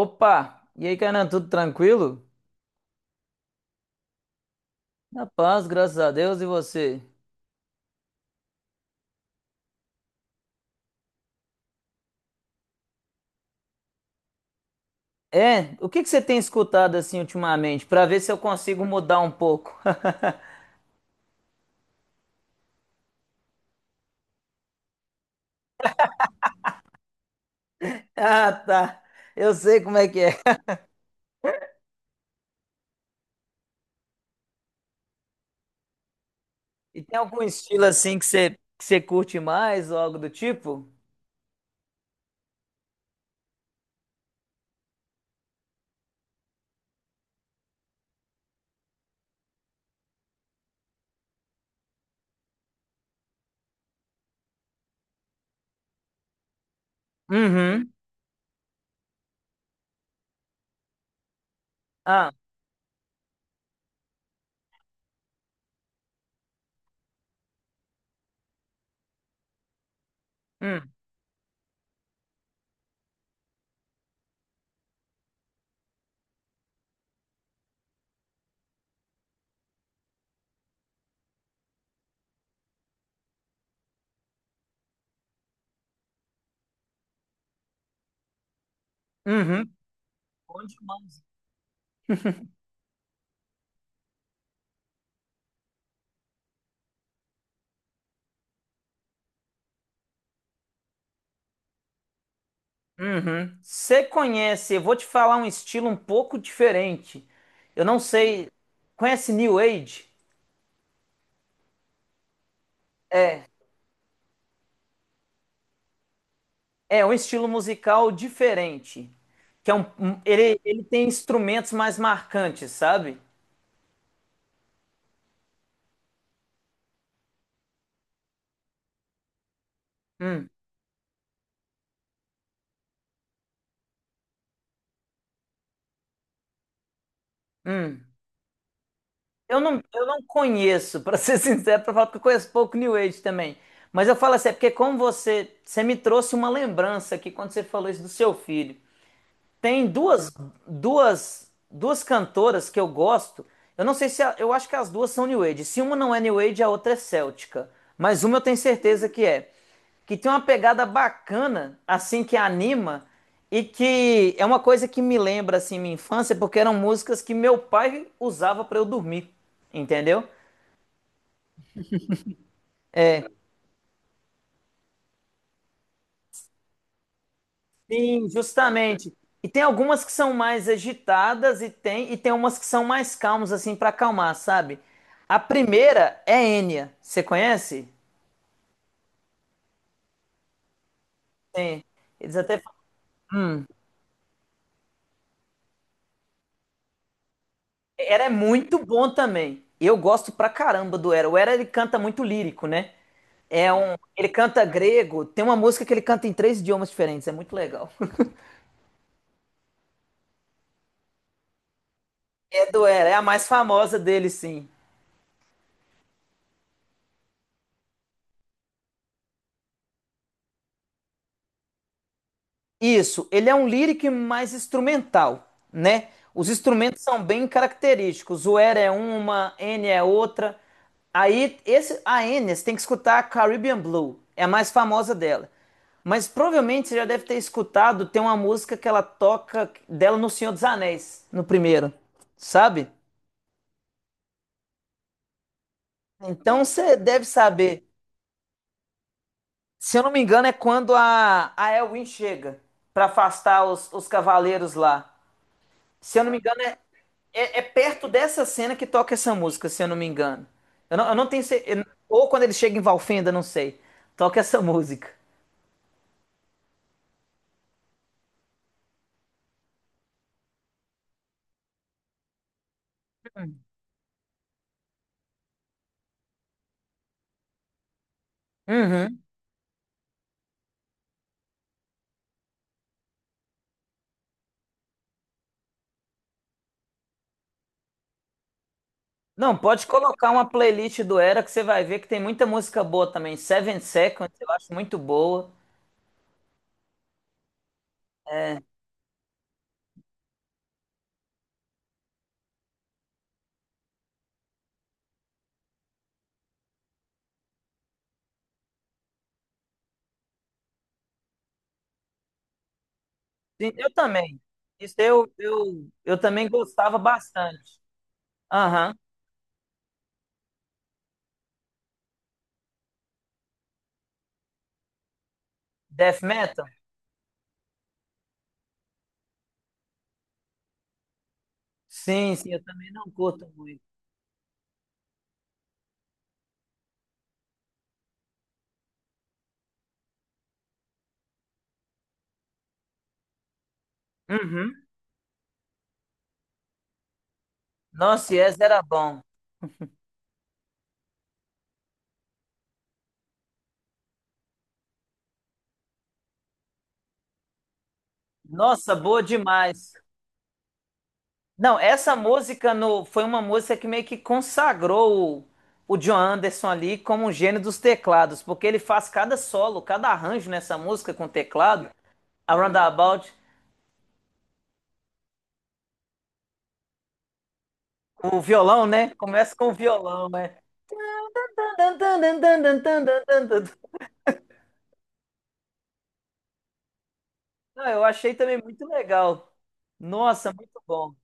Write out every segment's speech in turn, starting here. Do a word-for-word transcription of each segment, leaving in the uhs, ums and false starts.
Opa! E aí, Kainan, tudo tranquilo? Na paz, graças a Deus, e você? É, o que que você tem escutado assim ultimamente, pra ver se eu consigo mudar um pouco? Ah, tá. Eu sei como é que é. E tem algum estilo assim que você que você curte mais ou algo do tipo? Uhum. Ah, hum, uhum. Bom demais. Uhum. Você conhece, eu vou te falar um estilo um pouco diferente. Eu não sei. Conhece New Age? É um estilo musical diferente, que é um, um- ele, ele tem instrumentos mais marcantes, sabe? Hum, hum. Eu não, eu não conheço, pra ser sincero, pra falar porque eu conheço pouco New Age também. Mas eu falo assim, é porque como você, você me trouxe uma lembrança aqui quando você falou isso do seu filho. Tem duas, duas, duas cantoras que eu gosto. Eu não sei se a- eu acho que as duas são New Age. Se uma não é New Age, a outra é céltica. Mas uma eu tenho certeza que é. Que tem uma pegada bacana, assim, que anima, e que é uma coisa que me lembra, assim, minha infância, porque eram músicas que meu pai usava para eu dormir, entendeu? É, sim, justamente. E tem algumas que são mais agitadas e tem e tem umas que são mais calmas assim para acalmar, sabe? A primeira é Enya. Você conhece? Sim. Eles até falam, hum, Era é muito bom também. Eu gosto pra caramba do Era. O Era ele canta muito lírico, né? É um, ele canta grego, tem uma música que ele canta em três idiomas diferentes, é muito legal. É do Era, é a mais famosa dele, sim. Isso, ele é um lyric mais instrumental, né? Os instrumentos são bem característicos. O Era é uma, N é outra. Aí, esse, a N, você tem que escutar a Caribbean Blue, é a mais famosa dela. Mas provavelmente você já deve ter escutado, tem uma música que ela toca dela no Senhor dos Anéis, no primeiro, sabe? Então você deve saber. Se eu não me engano, é quando a, a Elwin chega para afastar os, os cavaleiros lá. Se eu não me engano, é, é, é perto dessa cena que toca essa música, se eu não me engano. Eu não, eu não tenho certeza. Ou quando ele chega em Valfenda, não sei. Toca essa música. Uhum. Não, pode colocar uma playlist do Era que você vai ver que tem muita música boa também. Seven Seconds, eu acho muito boa. É, sim, eu também. Isso eu, eu, eu também gostava bastante. Aham. Death Metal? Sim, sim, eu também não curto muito. Uhum. Nossa, Yes era bom. Nossa, boa demais. Não, essa música no, foi uma música que meio que consagrou o, o John Anderson ali como um gênio dos teclados, porque ele faz cada solo, cada arranjo nessa música com teclado, a Roundabout, o violão, né? Começa com o violão, né? Não, eu achei também muito legal. Nossa, muito bom.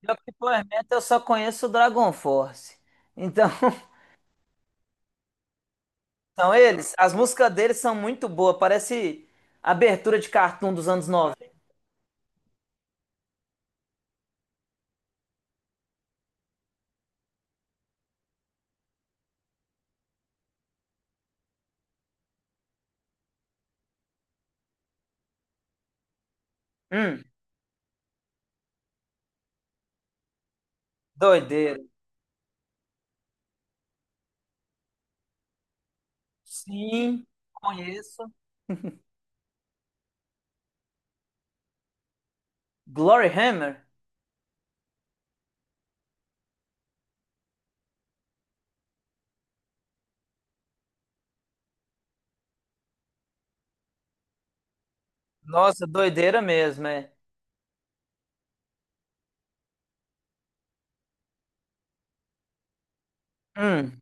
Pior que Power Metal eu só conheço o Dragon Force. Então, são eles. As músicas deles são muito boas. Parece abertura de cartoon dos anos noventa. Hum. Doideira. Sim, conheço. Glory Hammer? Nossa, doideira mesmo, é. Hum,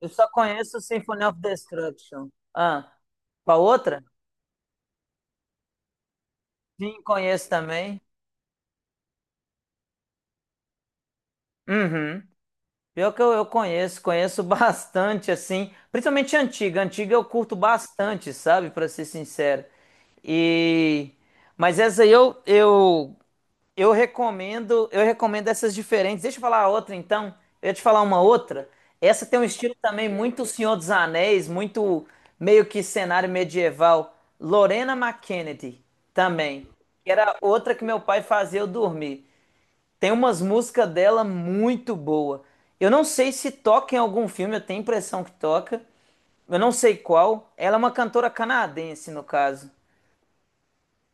eu só conheço Symphony of Destruction. Ah, qual outra? Sim, conheço também. Uhum. Pior que eu, eu conheço, conheço bastante, assim, principalmente antiga. Antiga eu curto bastante, sabe, pra ser sincero. E... Mas essa aí eu, eu eu recomendo, eu recomendo essas diferentes. Deixa eu falar a outra então. Eu ia te falar uma outra. Essa tem um estilo também muito Senhor dos Anéis, muito meio que cenário medieval. Lorena McKennedy também, que era outra que meu pai fazia eu dormir. Tem umas músicas dela muito boa. Eu não sei se toca em algum filme, eu tenho a impressão que toca. Eu não sei qual. Ela é uma cantora canadense, no caso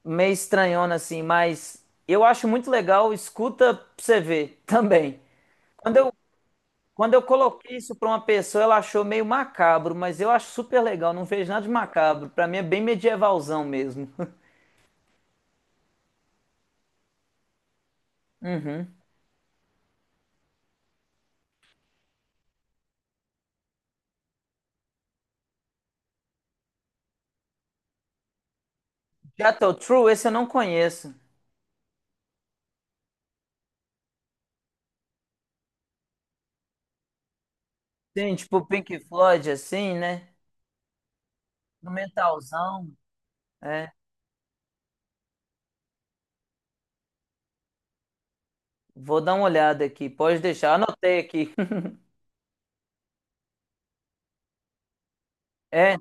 meio estranhona assim, mas eu acho muito legal, escuta pra você ver também. Quando eu, quando eu coloquei isso pra uma pessoa, ela achou meio macabro, mas eu acho super legal, não vejo nada de macabro. Pra mim é bem medievalzão mesmo. Uhum. Jethro Tull, esse eu não conheço. Sim, tipo Pink Floyd assim, né? No metalzão. É, vou dar uma olhada aqui, pode deixar, anotei aqui. É,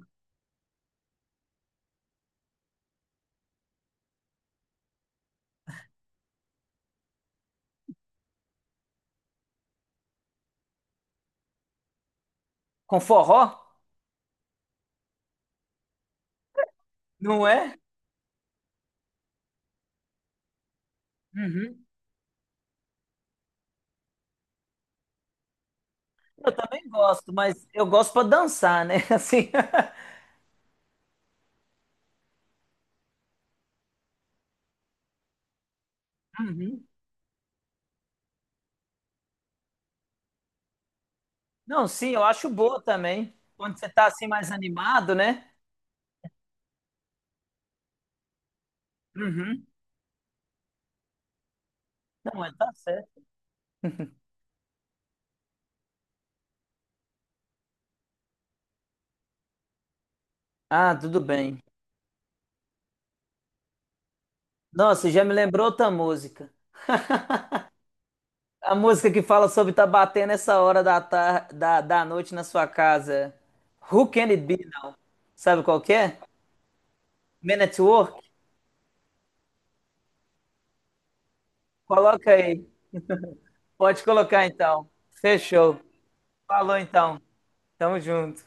com forró? Não é? Uhum. Eu também gosto, mas eu gosto pra dançar, né? Assim. Uhum. Não, sim, eu acho boa também. Quando você tá assim mais animado, né? Uhum. Não, mas tá certo. Ah, tudo bem. Nossa, já me lembrou outra música. A música que fala sobre tá batendo essa hora da, tar- da, da noite na sua casa. Who can it be now? Sabe qual que é? Men at Work? Coloca aí. Pode colocar então. Fechou. Falou então. Tamo junto.